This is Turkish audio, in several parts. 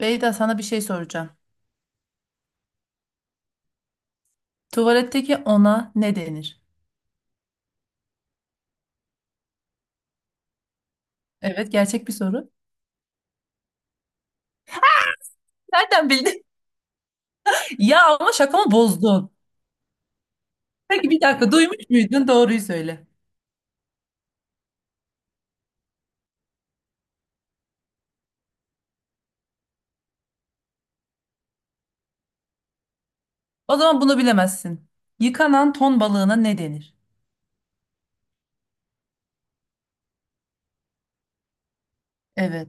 Beyda sana bir şey soracağım. Tuvaletteki ona ne denir? Evet, gerçek bir soru. Nereden bildin? Ya ama şakamı bozdun. Peki bir dakika, duymuş muydun? Doğruyu söyle. O zaman bunu bilemezsin. Yıkanan ton balığına ne denir? Evet.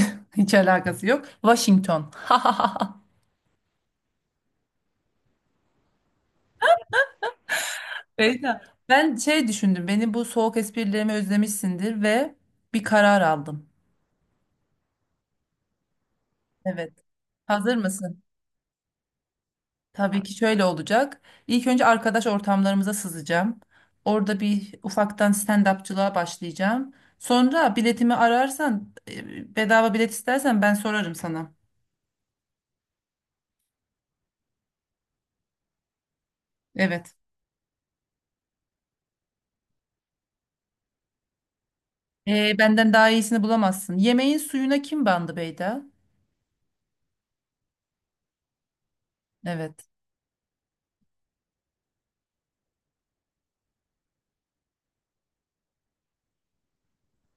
Hiç alakası yok. Washington. Beyda, ben düşündüm. Benim bu soğuk esprilerimi özlemişsindir ve bir karar aldım. Evet. Hazır mısın? Tabii ki şöyle olacak. İlk önce arkadaş ortamlarımıza sızacağım. Orada bir ufaktan stand-upçılığa başlayacağım. Sonra biletimi ararsan, bedava bilet istersen ben sorarım sana. Evet. Benden daha iyisini bulamazsın. Yemeğin suyuna kim bandı Beyda? Evet.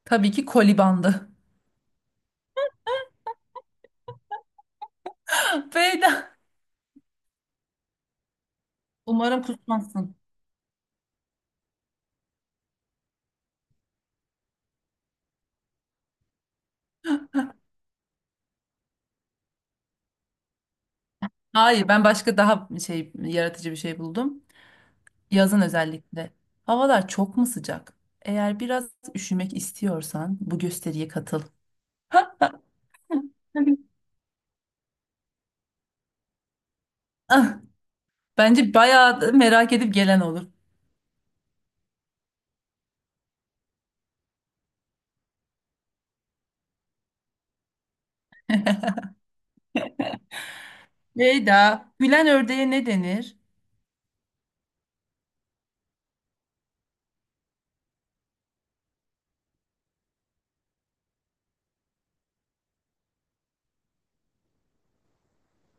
Tabii ki koli bandı. Beyda. Umarım kusmazsın. Hayır, ben başka daha yaratıcı bir şey buldum. Yazın özellikle. Havalar çok mu sıcak? Eğer biraz üşümek istiyorsan bu gösteriye katıl. Tabii. Ah, bence bayağı da merak edip gelen olur. Beyda, gülen ördeğe ne denir?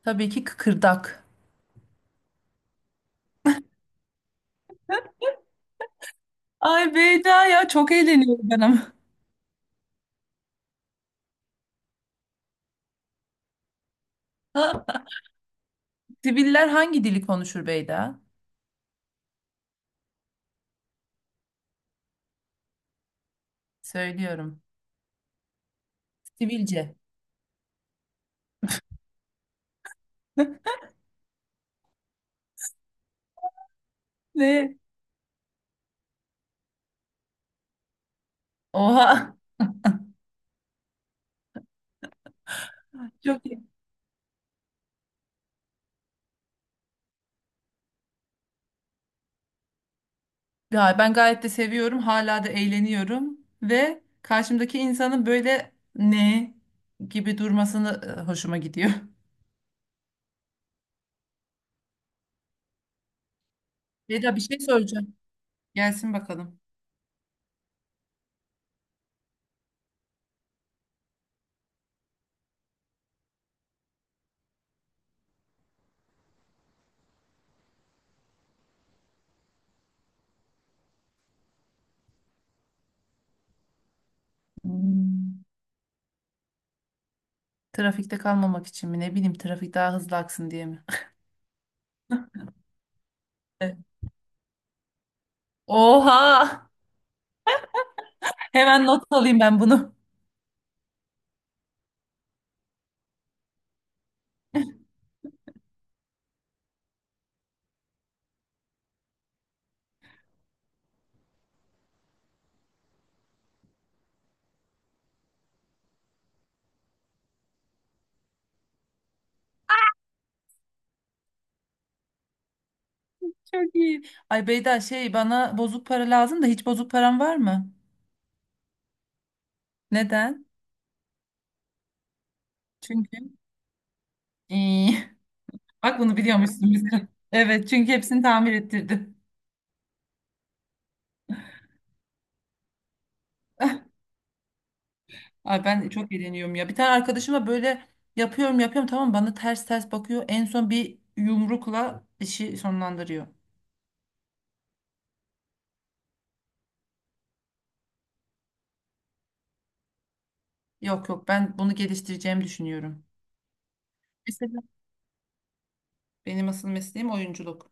Tabii ki kıkırdak. Ay Beyda ya, çok eğleniyorum ben ama. Ha, siviller hangi dili konuşur Beyda? Söylüyorum. Sivilce. Ne? Oha. Çok. Ya ben gayet de seviyorum. Hala da eğleniyorum. Ve karşımdaki insanın böyle ne gibi durmasını hoşuma gidiyor. Eda bir şey soracağım. Gelsin bakalım. Hmm, trafikte kalmamak için mi? Ne bileyim, trafik daha hızlı aksın diye mi? Evet. Oha! Hemen not alayım ben bunu. Çok iyi. Ay Beyda, şey bana bozuk para lazım da hiç bozuk param var mı? Neden? Çünkü. İyi. Bak, bunu biliyormuşsun biz. Evet, çünkü hepsini tamir ettirdim. Ay ben çok eğleniyorum ya. Bir tane arkadaşıma böyle yapıyorum yapıyorum, tamam, bana ters ters bakıyor. En son bir yumrukla işi sonlandırıyor. Yok yok, ben bunu geliştireceğimi düşünüyorum. Mesela benim asıl mesleğim oyunculuk.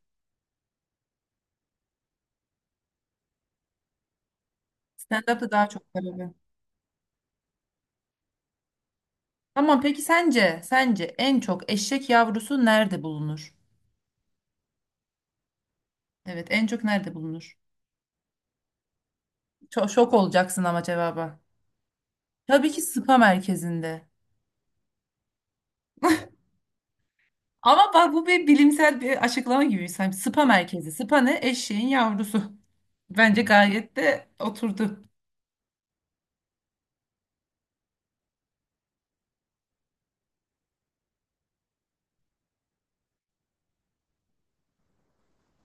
Stand-up'ta daha çok tabii. Tamam, peki sence en çok eşek yavrusu nerede bulunur? Evet, en çok nerede bulunur? Çok şok olacaksın ama cevaba. Tabii ki spa merkezinde. Ama bak, bu bir bilimsel bir açıklama gibi. Sen spa merkezi. Spa ne? Eşeğin yavrusu. Bence gayet de oturdu.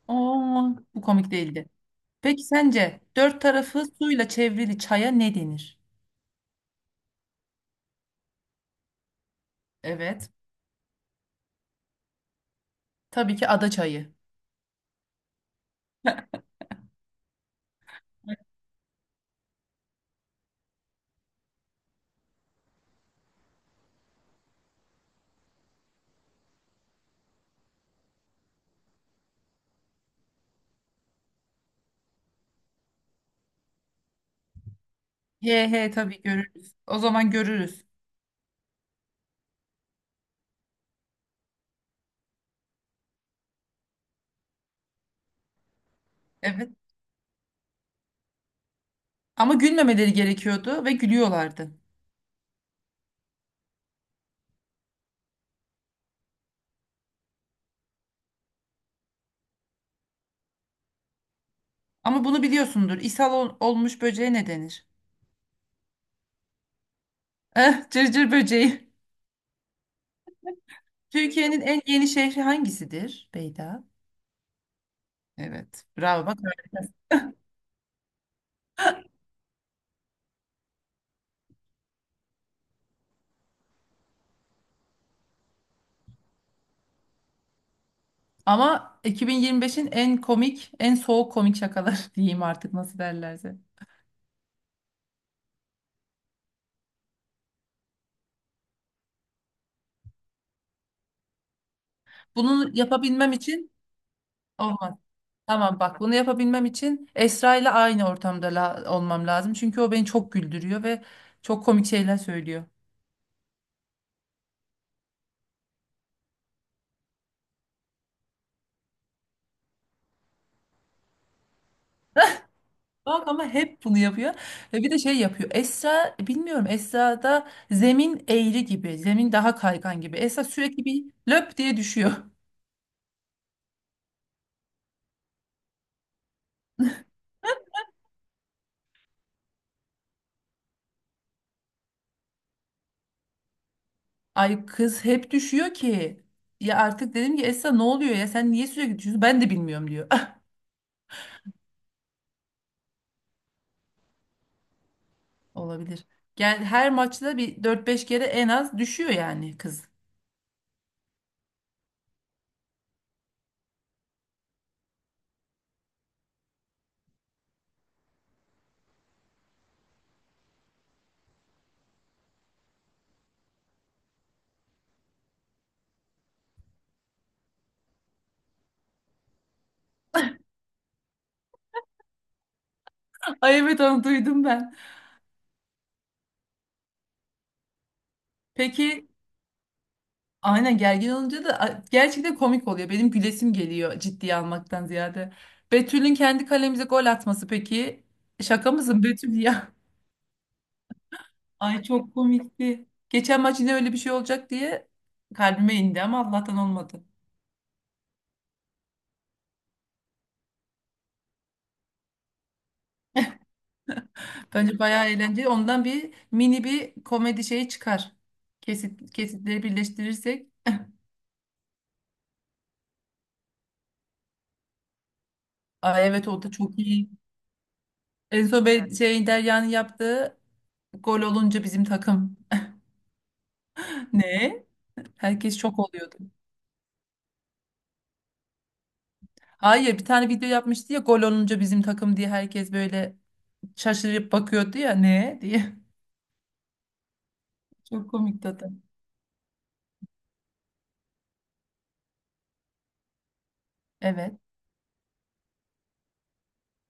Oo, bu komik değildi. Peki sence dört tarafı suyla çevrili çaya ne denir? Evet. Tabii ki ada çayı. He he, tabii görürüz. O zaman görürüz. Evet. Ama gülmemeleri gerekiyordu ve gülüyorlardı. Ama bunu biliyorsundur. Olmuş böceğe ne denir? Eh, cırcır böceği. Türkiye'nin en yeni şehri hangisidir Beyda? Evet. Bravo bak, harikasın. Ama 2025'in en komik, en soğuk komik şakaları diyeyim artık nasıl derlerse. Bunu yapabilmem için olmaz. Tamam bak, bunu yapabilmem için Esra ile aynı ortamda olmam lazım. Çünkü o beni çok güldürüyor ve çok komik şeyler söylüyor. Bak ama hep bunu yapıyor. Ve bir de şey yapıyor. Esra, bilmiyorum, Esra'da zemin eğri gibi. Zemin daha kaygan gibi. Esra sürekli bir löp diye düşüyor. Ay kız hep düşüyor ki. Ya artık dedim ki Esra ne oluyor ya, sen niye sürekli düşüyorsun? Ben de bilmiyorum diyor. Olabilir. Yani her maçta bir dört beş kere en az düşüyor yani kız. Ay evet, onu duydum ben. Peki, aynen, gergin olunca da gerçekten komik oluyor. Benim gülesim geliyor ciddiye almaktan ziyade. Betül'ün kendi kalemize gol atması peki. Şaka mısın Betül ya? Ay çok komikti. Geçen maç yine öyle bir şey olacak diye kalbime indi ama Allah'tan olmadı. Bence bayağı eğlenceli. Ondan bir mini bir komedi şeyi çıkar. Kesit, kesitleri birleştirirsek. Aa, evet, o da çok iyi. En son be- şey Derya'nın yaptığı gol olunca bizim takım. Ne? Herkes şok oluyordu. Hayır, bir tane video yapmıştı ya, gol olunca bizim takım diye herkes böyle şaşırıp bakıyordu ya ne diye. Çok komikti o da. Evet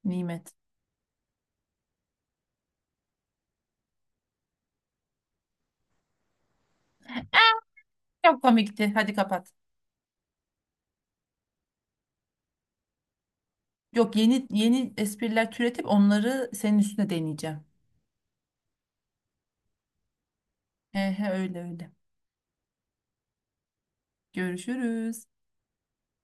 Nimet. Çok komikti, hadi kapat. Yok, yeni yeni espriler türetip onları senin üstüne deneyeceğim. He he, öyle öyle. Görüşürüz.